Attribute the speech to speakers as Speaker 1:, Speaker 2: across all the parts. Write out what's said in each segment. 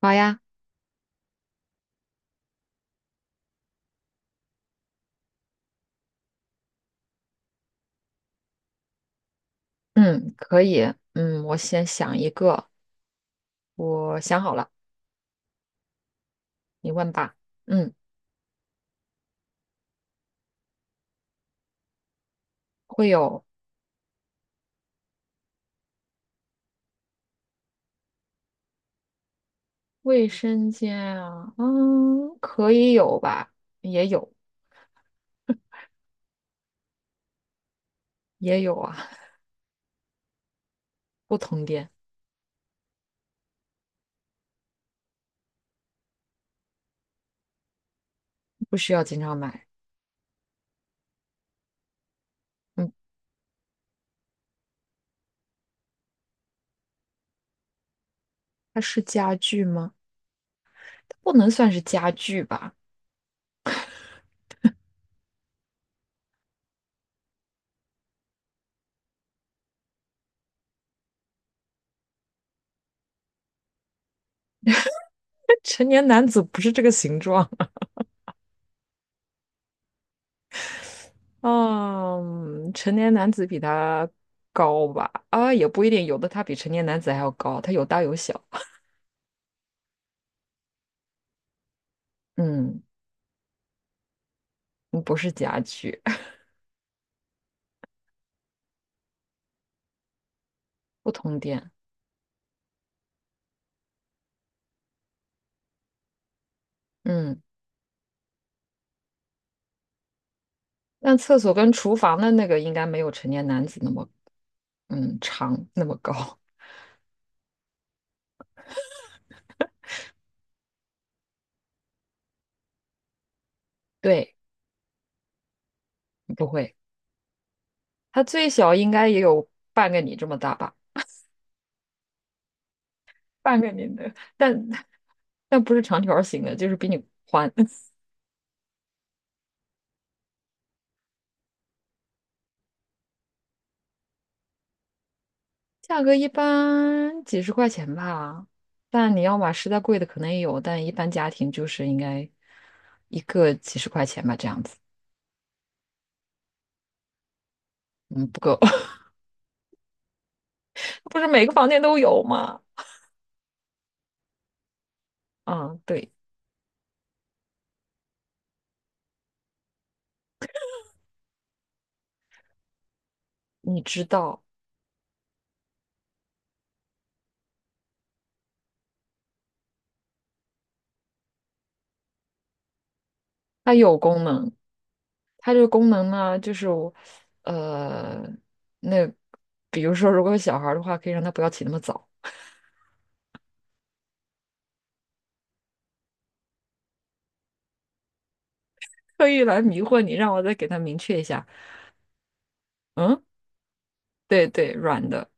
Speaker 1: 好呀，嗯，可以，嗯，我先想一个，我想好了，你问吧。嗯，会有卫生间啊，嗯，可以有吧，也有，也有啊，不同店，不需要经常买。嗯，它是家具吗？它不能算是家具吧？成年男子不是这个形状。嗯，成年男子比它高吧？啊，也不一定，有的它比成年男子还要高，它有大有小。嗯，不是家具。不通电，嗯，但厕所跟厨房的那个应该没有成年男子那么长那么高，对，不会，它最小应该也有半个你这么大吧，半个你的，但不是长条形的，就是比你宽，价格一般几十块钱吧，但你要买实在贵的可能也有，但一般家庭就是应该一个几十块钱吧，这样子，嗯，不够，不是每个房间都有吗？啊，对，你知道。它有功能，它这个功能呢，就是我，呃，那比如说，如果有小孩儿的话，可以让他不要起那么早，特意来迷惑你，让我再给他明确一下。嗯，对对，软的，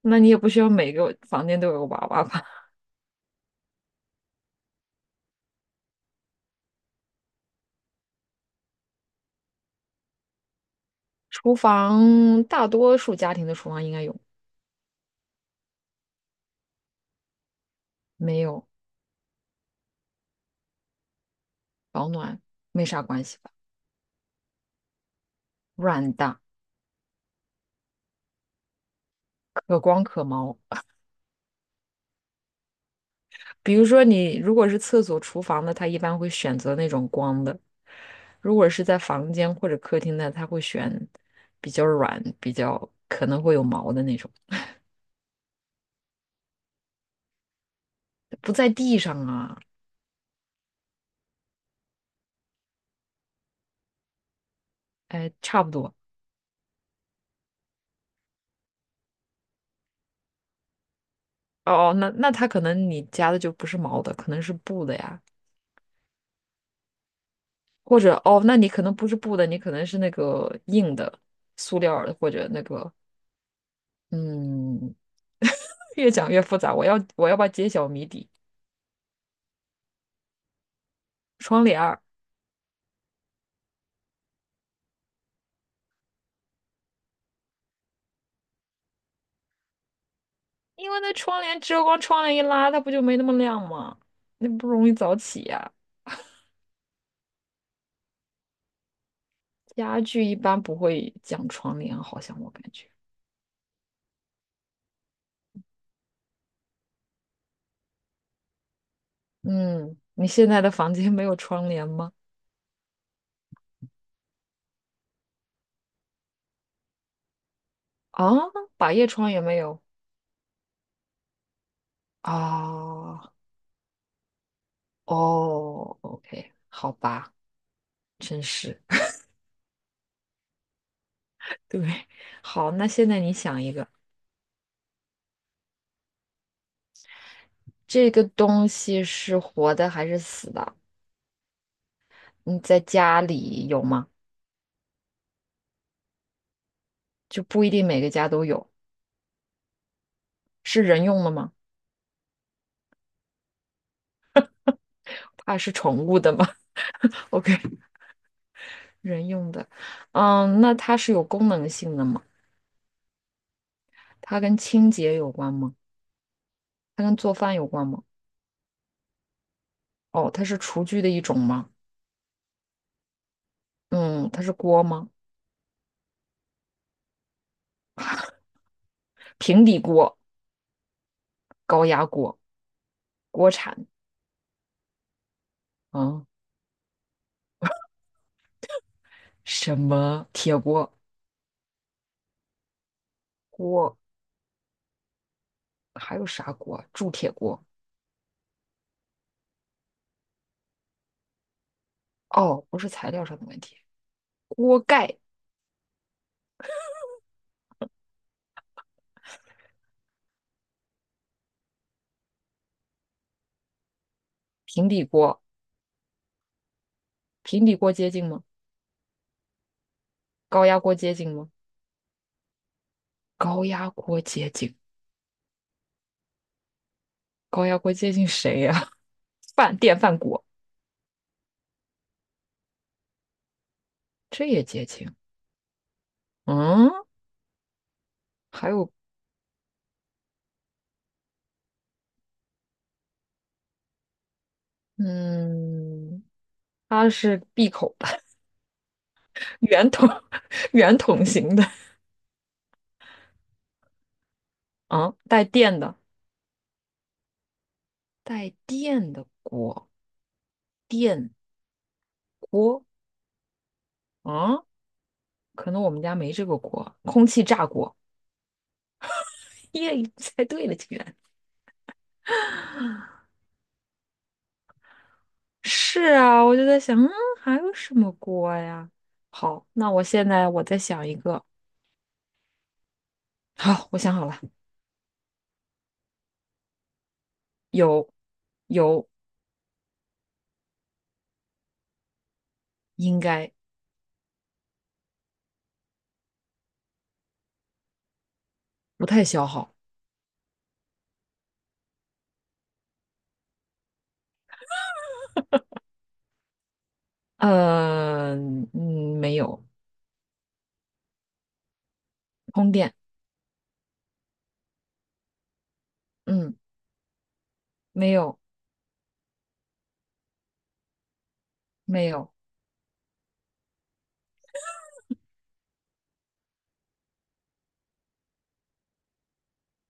Speaker 1: 那你也不需要每个房间都有个娃娃吧？厨房大多数家庭的厨房应该有，没有保暖没啥关系吧？软的，可光可毛。比如说你如果是厕所、厨房的，他一般会选择那种光的；如果是在房间或者客厅的，他会选比较软、比较可能会有毛的那种，不在地上啊。哎，差不多。哦，哦，那那他可能你加的就不是毛的，可能是布的呀，或者哦，那你可能不是布的，你可能是那个硬的塑料儿的，或者那个嗯，越讲越复杂，我要把揭晓谜底。窗帘儿。因为那窗帘遮光，窗帘一拉，它不就没那么亮吗？那不容易早起呀、家具一般不会讲窗帘，好像我感觉。嗯，你现在的房间没有窗帘吗？啊，百叶窗也没有啊。哦，OK，好吧，真是。对，好，那现在你想一个，这个东西是活的还是死的？你在家里有吗？就不一定每个家都有。是人用的吗？它是宠物的吗？OK，人用的，嗯，那它是有功能性的吗？它跟清洁有关吗？它跟做饭有关吗？哦，它是厨具的一种吗？嗯，它是锅吗？平底锅、高压锅、锅铲啊，什么铁锅、锅，还有啥锅？铸铁锅。哦，不是材料上的问题，锅盖、平底锅，平底锅接近吗？高压锅接近吗？高压锅接近，高压锅接近谁呀、饭电饭锅，这也接近。嗯，还有，嗯，它是闭口的，圆筒 圆筒形的啊，带电的，带电的锅，电锅啊，可能我们家没这个锅，空气炸锅。耶，猜对了，竟然是啊！我就在想，嗯，还有什么锅呀？好，那我现在我再想一个。好，我想好了，有有，应该不太消耗。呃，嗯，没有，通电。嗯。没有没有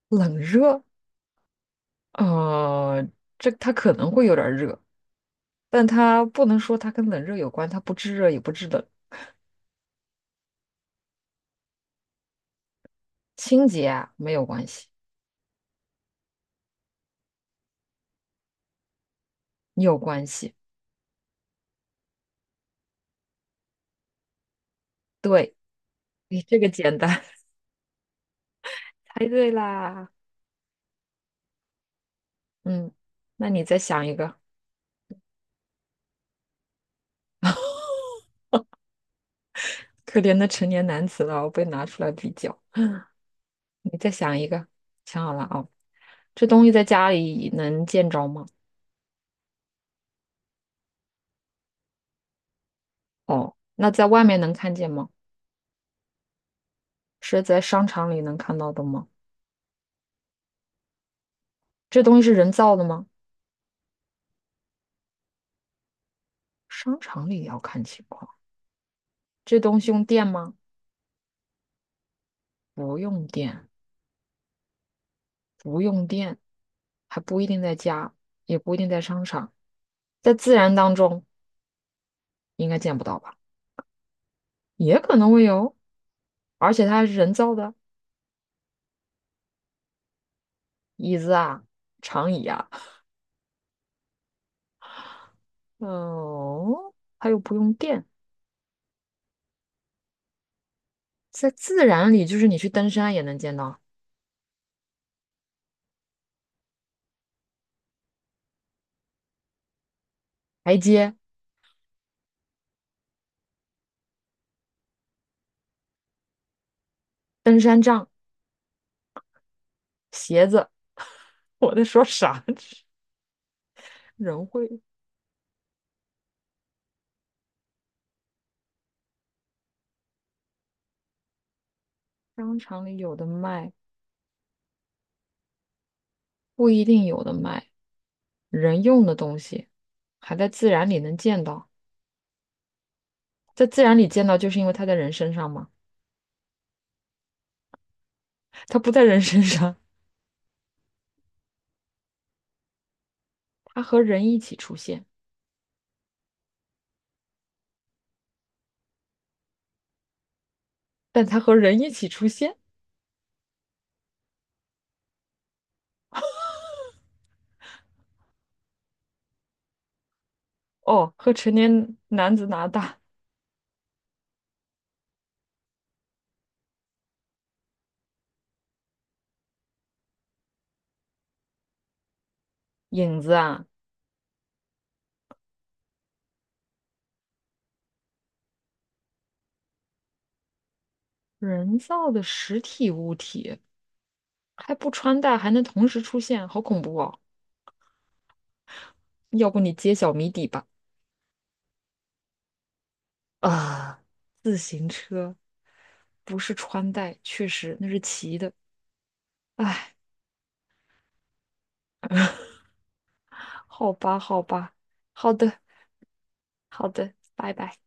Speaker 1: 冷热，呃，这它可能会有点儿热，但它不能说它跟冷热有关，它不制热也不制冷，清洁啊没有关系，有关系。对，你这个简单，猜对啦。嗯，那你再想一个，可怜的成年男子了，被拿出来比较。你再想一个，想好了啊，这东西在家里能见着吗？哦，那在外面能看见吗？是在商场里能看到的吗？这东西是人造的吗？商场里也要看情况，这东西用电吗？不用电，不用电，还不一定在家，也不一定在商场，在自然当中应该见不到吧？也可能会有，而且它还是人造的，椅子啊，长椅啊，哦，它又不用电，在自然里就是你去登山也能见到，台阶、登山杖、鞋子，我在说啥？人会商场里有的卖，不一定有的卖。人用的东西还在自然里能见到，在自然里见到，就是因为它在人身上嘛，它不在人身上，它和人一起出现，但它和人一起出现，哦，和成年男子拿大影子啊，人造的实体物体还不穿戴，还能同时出现，好恐怖哦！要不你揭晓谜底吧？啊、不是穿戴，确实那是骑的。哎，好吧，好吧，好的，好的，拜拜。